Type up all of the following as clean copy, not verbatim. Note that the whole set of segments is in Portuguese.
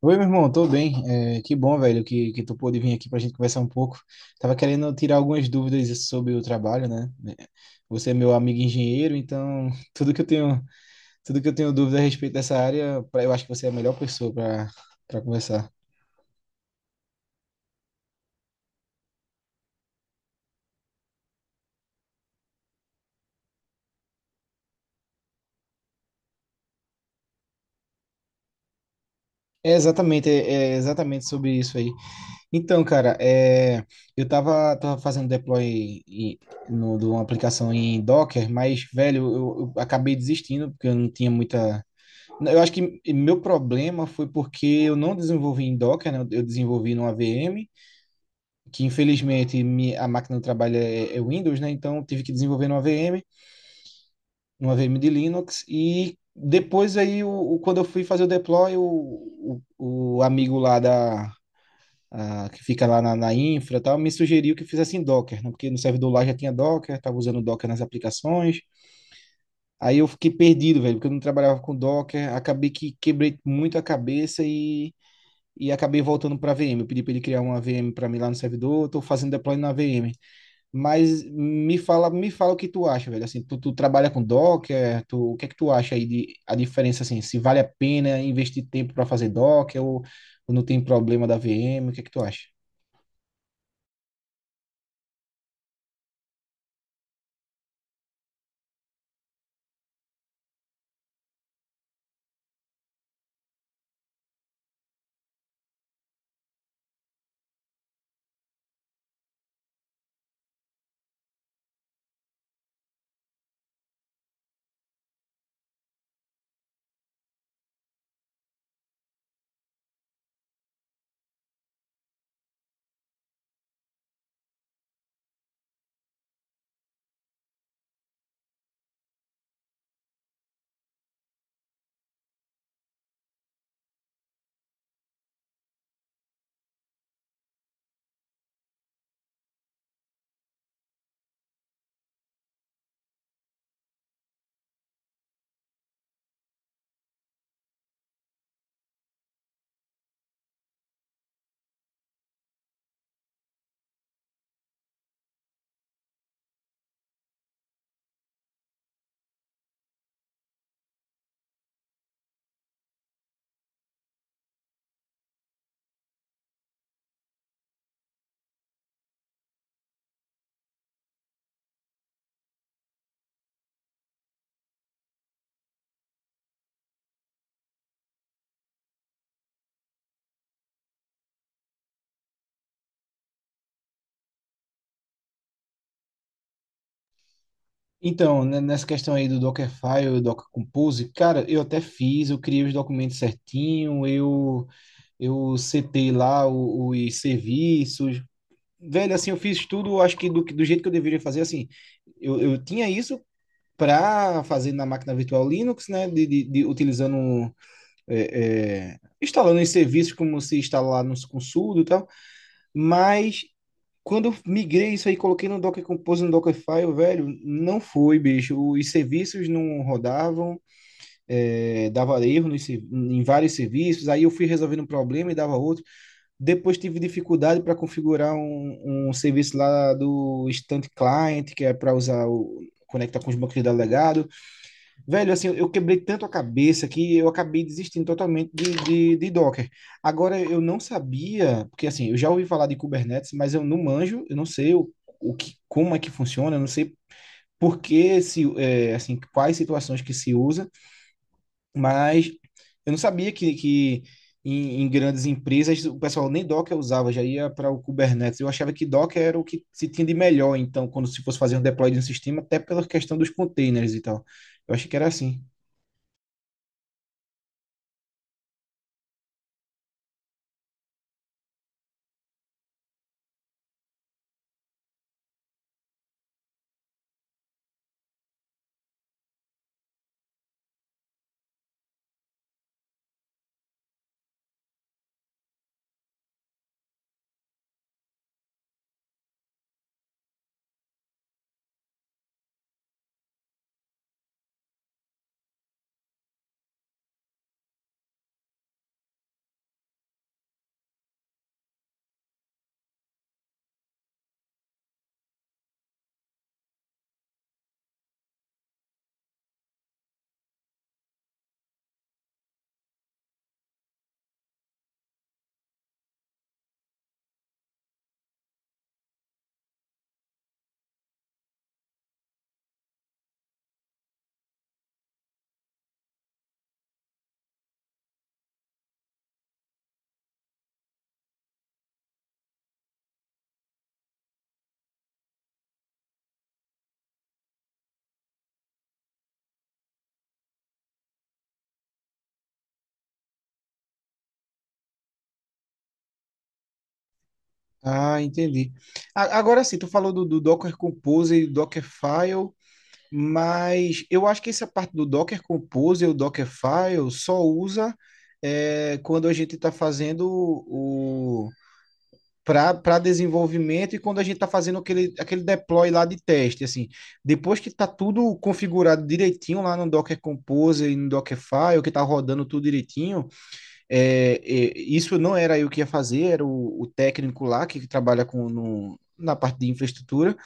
Oi, meu irmão, tô bem. É, que bom, velho, que tu pôde vir aqui pra gente conversar um pouco. Tava querendo tirar algumas dúvidas sobre o trabalho, né? É, você é meu amigo engenheiro, então tudo que eu tenho, tudo que eu tenho dúvida a respeito dessa área, eu acho que você é a melhor pessoa para conversar. É exatamente sobre isso aí. Então, cara, eu tava fazendo deploy em- no, de uma aplicação em Docker, mas, velho, eu acabei desistindo porque eu não tinha muita. Eu acho que meu problema foi porque eu não desenvolvi em Docker, né? Eu desenvolvi numa VM, que infelizmente a máquina do trabalho é Windows, né? Então eu tive que desenvolver numa VM, numa VM de Linux. E depois aí, quando eu fui fazer o deploy, o amigo lá que fica lá na infra e tal, me sugeriu que fizesse em Docker, né? Porque no servidor lá já tinha Docker, estava usando Docker nas aplicações. Aí eu fiquei perdido, velho, porque eu não trabalhava com Docker, acabei que quebrei muito a cabeça e acabei voltando para a VM. Eu pedi para ele criar uma VM para mim lá no servidor, estou fazendo deploy na VM. Mas me fala o que tu acha, velho. Assim, tu trabalha com Docker, o que é que tu acha aí de a diferença assim, se vale a pena investir tempo para fazer Docker ou não tem problema da VM, o que é que tu acha? Então, né, nessa questão aí do Dockerfile, Docker Compose, cara, eu até fiz, eu criei os documentos certinho, eu setei lá os serviços, velho, assim, eu fiz tudo, acho que do jeito que eu deveria fazer, assim, eu tinha isso para fazer na máquina virtual Linux, né, de utilizando, instalando em serviços como se instalar no com sudo e tal, mas quando eu migrei isso aí, coloquei no Docker Compose, no Dockerfile, velho, não foi, bicho, os serviços não rodavam, dava erro em vários serviços, aí eu fui resolvendo um problema e dava outro, depois tive dificuldade para configurar um serviço lá do Instant Client, que é para usar o conectar com os bancos de dados legado. Velho, assim, eu quebrei tanto a cabeça que eu acabei desistindo totalmente de Docker. Agora, eu não sabia, porque assim, eu já ouvi falar de Kubernetes, mas eu não manjo, eu não sei o que, como é que funciona, eu não sei por que, se, é, assim, quais situações que se usa. Mas eu não sabia que em grandes empresas o pessoal nem Docker usava, já ia para o Kubernetes. Eu achava que Docker era o que se tinha de melhor, então, quando se fosse fazer um deploy de um sistema, até pela questão dos containers e tal. Eu achei que era assim. Ah, entendi. Agora sim, tu falou do Docker Compose e Dockerfile, mas eu acho que essa parte do Docker Compose e o Dockerfile só usa, quando a gente está fazendo o para desenvolvimento e quando a gente está fazendo aquele deploy lá de teste, assim, depois que está tudo configurado direitinho lá no Docker Compose e no Dockerfile, que está rodando tudo direitinho, isso não era eu que ia fazer, era o técnico lá que trabalha com, no, na parte de infraestrutura,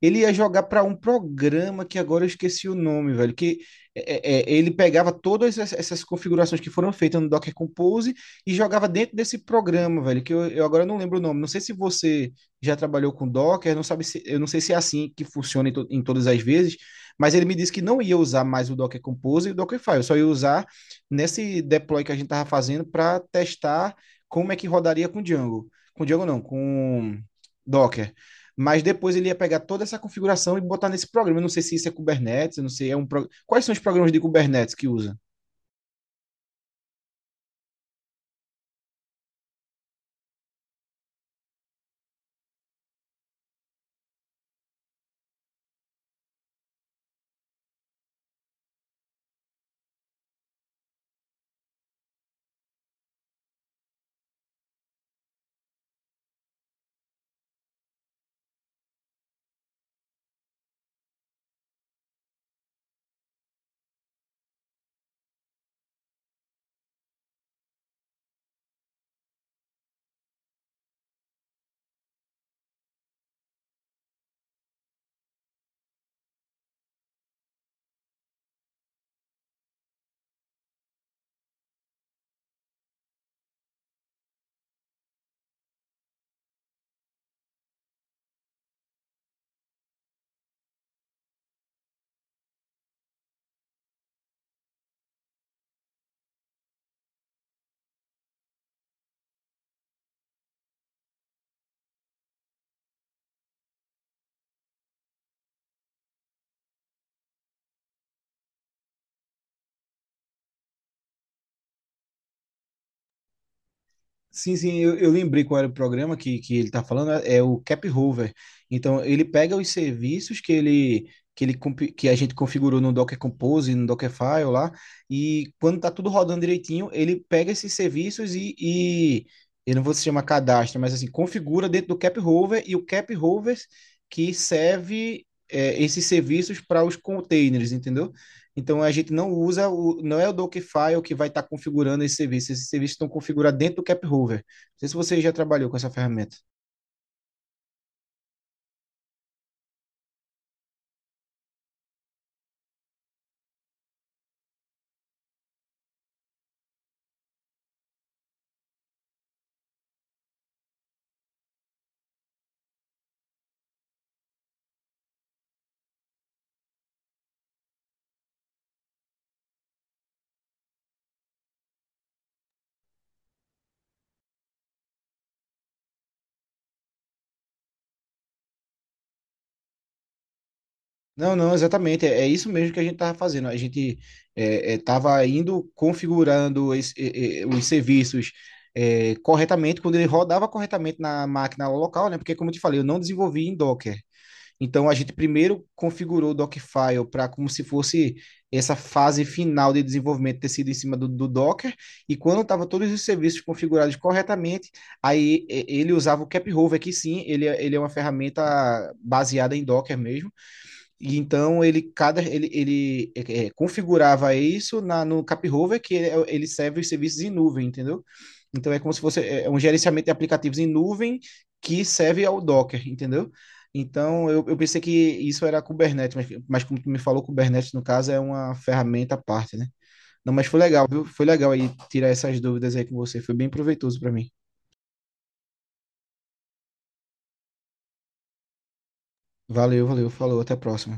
ele ia jogar para um programa que agora eu esqueci o nome, velho. Que ele pegava todas essas configurações que foram feitas no Docker Compose e jogava dentro desse programa, velho. Que eu agora não lembro o nome. Não sei se você já trabalhou com Docker, não sabe se, eu não sei se é assim que funciona em todas as vezes. Mas ele me disse que não ia usar mais o Docker Compose e o Dockerfile, só ia usar nesse deploy que a gente estava fazendo para testar como é que rodaria com Django. Com Django não, com Docker, mas depois ele ia pegar toda essa configuração e botar nesse programa. Eu não sei se isso é Kubernetes, eu não sei, é um pro... Quais são os programas de Kubernetes que usa? Sim, sim, eu lembrei qual era o programa que ele está falando, é o Cap Hover. Então, ele pega os serviços que a gente configurou no Docker Compose, no Dockerfile lá, e quando tá tudo rodando direitinho, ele pega esses serviços e eu não vou se chamar cadastro, mas assim, configura dentro do Cap Hover e o Cap Hover que serve esses serviços para os containers, entendeu? Então a gente não usa, não é o Dockerfile que vai estar configurando esse serviço. Esses serviços estão configurados dentro do CapHover. Não sei se você já trabalhou com essa ferramenta. Não, não, exatamente. É isso mesmo que a gente estava fazendo. A gente estava indo configurando os serviços corretamente, quando ele rodava corretamente na máquina local, né? Porque, como eu te falei, eu não desenvolvi em Docker. Então a gente primeiro configurou o Dockfile para como se fosse essa fase final de desenvolvimento ter sido em cima do Docker, e quando estava todos os serviços configurados corretamente, aí ele usava o CapRover, que sim, ele é uma ferramenta baseada em Docker mesmo, e então ele configurava isso no CapRover, que ele, ele serve os serviços em nuvem, entendeu? Então é como se fosse é um gerenciamento de aplicativos em nuvem que serve ao Docker, entendeu? Então eu pensei que isso era Kubernetes, mas como tu me falou, Kubernetes no caso é uma ferramenta à parte, né? Não, mas foi legal, viu? Foi legal aí tirar essas dúvidas aí com você, foi bem proveitoso para mim. Valeu, valeu, falou, até a próxima.